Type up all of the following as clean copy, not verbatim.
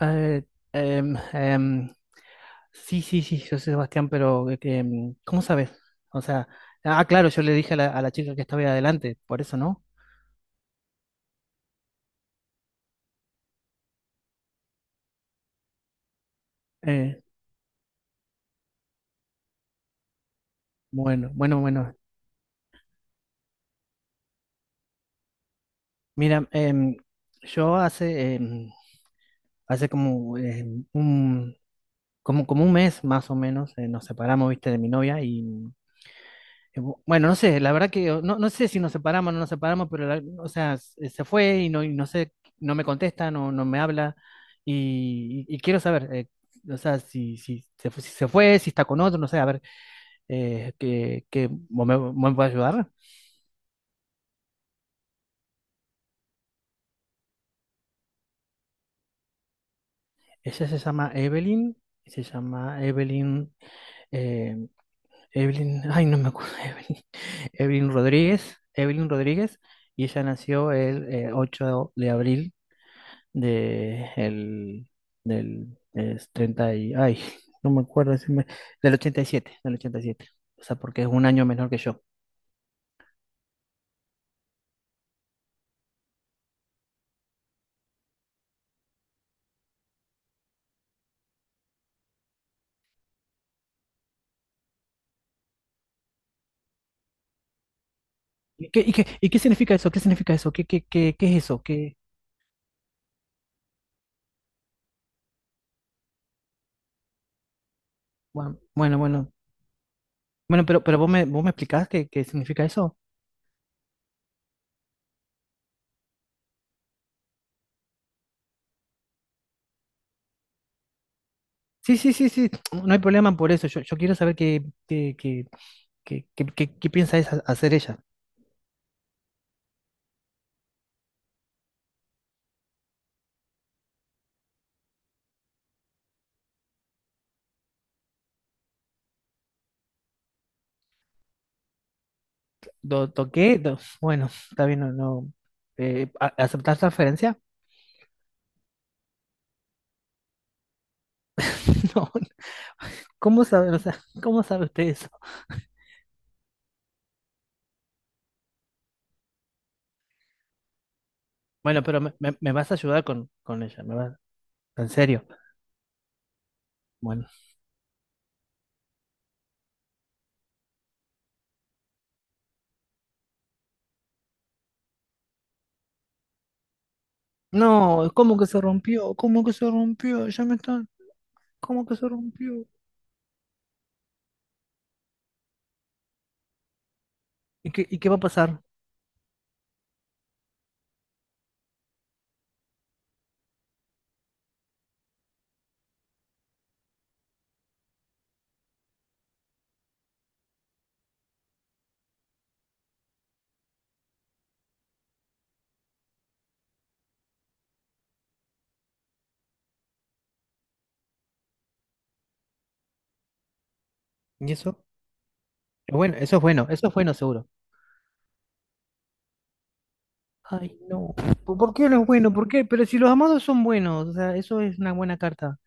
Eh, em, em, sí, sí, sí, yo sé, Sebastián, pero ¿cómo sabes? O sea, ah, claro, yo le dije a la chica que estaba ahí adelante, por eso, ¿no? Eh, bueno, bueno, bueno. Mira, yo hace, hace como, un, como un mes más o menos nos separamos, viste, de mi novia. Y Bueno, no sé, la verdad que no sé si nos separamos o no nos separamos, pero o sea, se fue y y no sé, no me contesta, no me habla y quiero saber, o sea, se fue, si está con otro, no sé, a ver, que vos me podés ayudar? Ella se llama Evelyn, eh, Evelyn, ay, no me acuerdo, Evelyn, Evelyn Rodríguez, Evelyn Rodríguez. Y ella nació el 8 de abril de el del es 30 y ay, no me acuerdo, del 87, del ochenta y siete. O sea, porque es un año menor que yo. ¿Y qué significa eso? ¿Qué significa eso? Qué es eso? ¿Qué? Bueno, bueno, bueno. Bueno, pero vos me explicás qué, qué significa eso. Sí, sí, sí, sí. No hay problema por eso. Yo quiero saber qué piensa hacer ella. Bueno, está bien, no, no, ¿aceptar transferencia? No, ¿cómo sabe, o sea, cómo sabe usted eso? Bueno, pero me vas a ayudar con ella, me vas, en serio. Bueno, no, ¿cómo que se rompió? ¿Cómo que se rompió? Ya me están, ¿cómo que se rompió? Y qué va a pasar? ¿Y eso? Bueno, eso es bueno, eso es bueno, seguro. Ay, no. Por qué no es bueno? ¿Por qué? Pero si los amados son buenos, o sea, eso es una buena carta.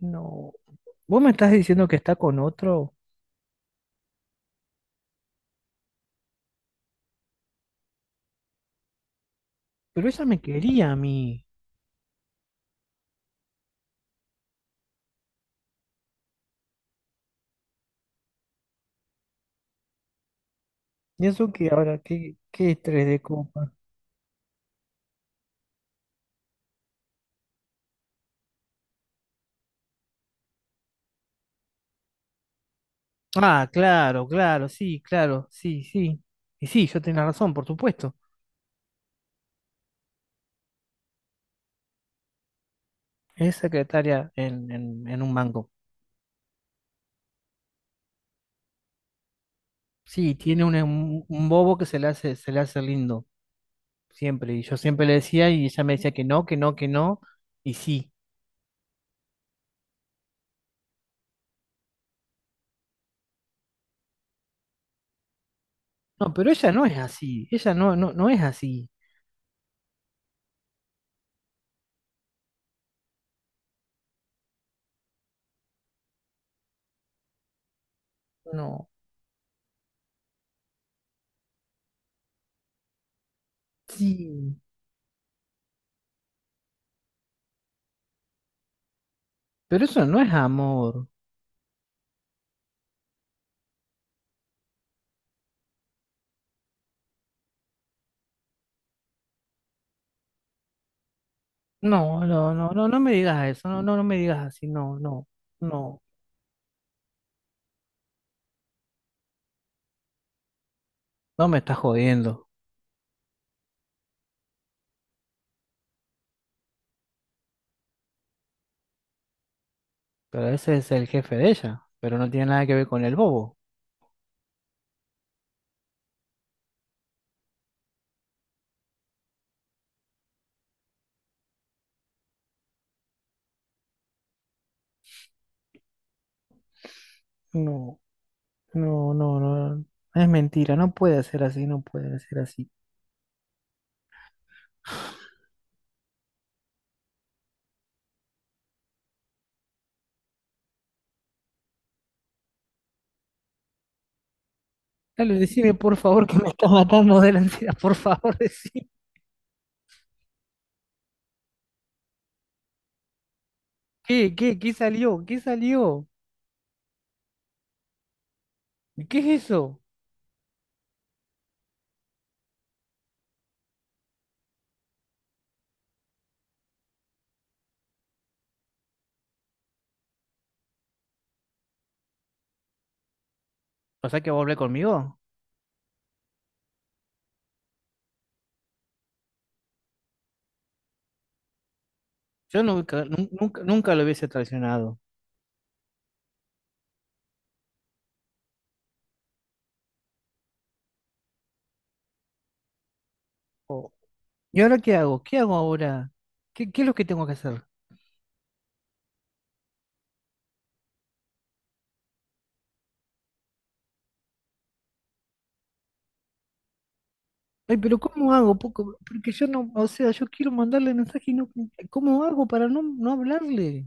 No. Vos me estás diciendo que está con otro, pero ella me quería a mí. ¿Y eso que ahora? ¿Qué, qué es tres de copa? Ah, claro, claro, sí, claro, sí, sí. Y sí, yo tenía razón, por supuesto. Es secretaria en, en un banco. Sí, tiene un, un bobo que se le hace lindo, siempre. Y yo siempre le decía y ella me decía que no, que no, que no, y sí. No, pero ella no es así. Ella no, no, no es así. No. Sí. Pero eso no es amor. No, no, no, no, no me digas eso. No, no, no me digas así. No, no, no. No me estás jodiendo. Pero ese es el jefe de ella. Pero no tiene nada que ver con el bobo. No, no, no, no. Es mentira. No puede ser así. No puede ser así. Dale, decime por favor que me está matando de la ansiedad. Por favor, decime. ¿Qué, qué, qué salió? ¿Qué salió? ¿Qué es eso? ¿O sea que va a volver conmigo? Yo nunca, nunca, nunca lo hubiese traicionado. ¿Y ahora qué hago? ¿Qué hago ahora? ¿Qué, qué es lo que tengo que hacer? Ay, pero ¿cómo hago? Poco, porque yo no, o sea, yo quiero mandarle mensaje y no, ¿cómo hago para no, no hablarle?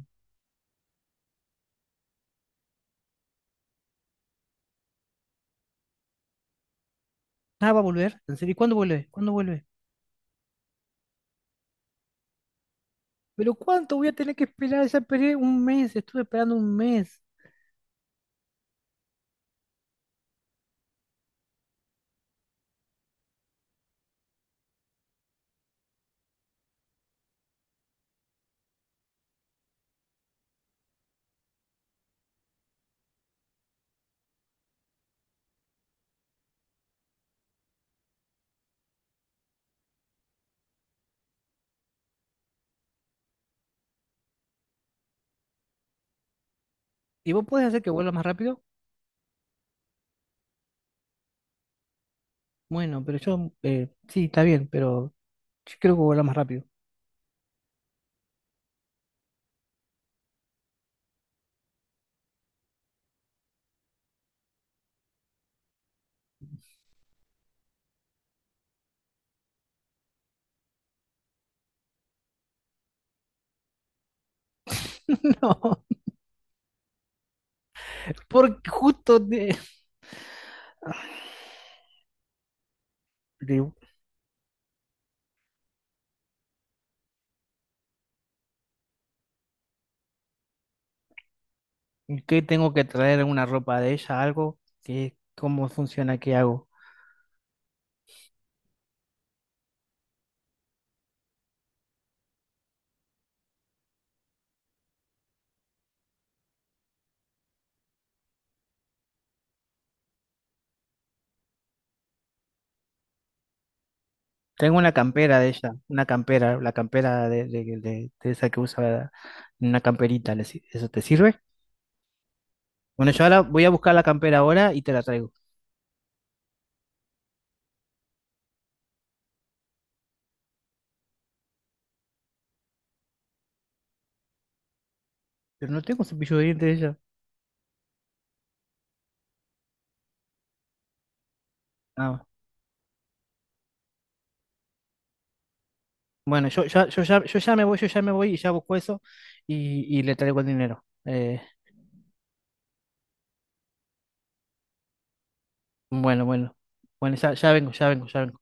Ah, va a volver. ¿En serio? ¿Y ¿cuándo vuelve? ¿Cuándo vuelve? Pero ¿cuánto voy a tener que esperar? Ya esperé un mes, estuve esperando un mes. ¿Y vos podés hacer que vuelva más rápido? Bueno, pero yo, sí, está bien, pero yo creo que vuelva más rápido. No, porque justo de... ¿Qué tengo que traer? ¿Una ropa de ella? ¿Algo? ¿Qué, cómo funciona? ¿Qué hago? Tengo una campera de ella, una campera, la campera de, de esa que usa, una camperita, ¿eso te sirve? Bueno, yo ahora voy a buscar la campera ahora y te la traigo. Pero no tengo cepillo de dientes de ella. Ah, bueno, yo ya me voy, yo ya me voy y ya busco eso y le traigo el dinero. Bueno, bueno, bueno, ya vengo, ya vengo, ya vengo.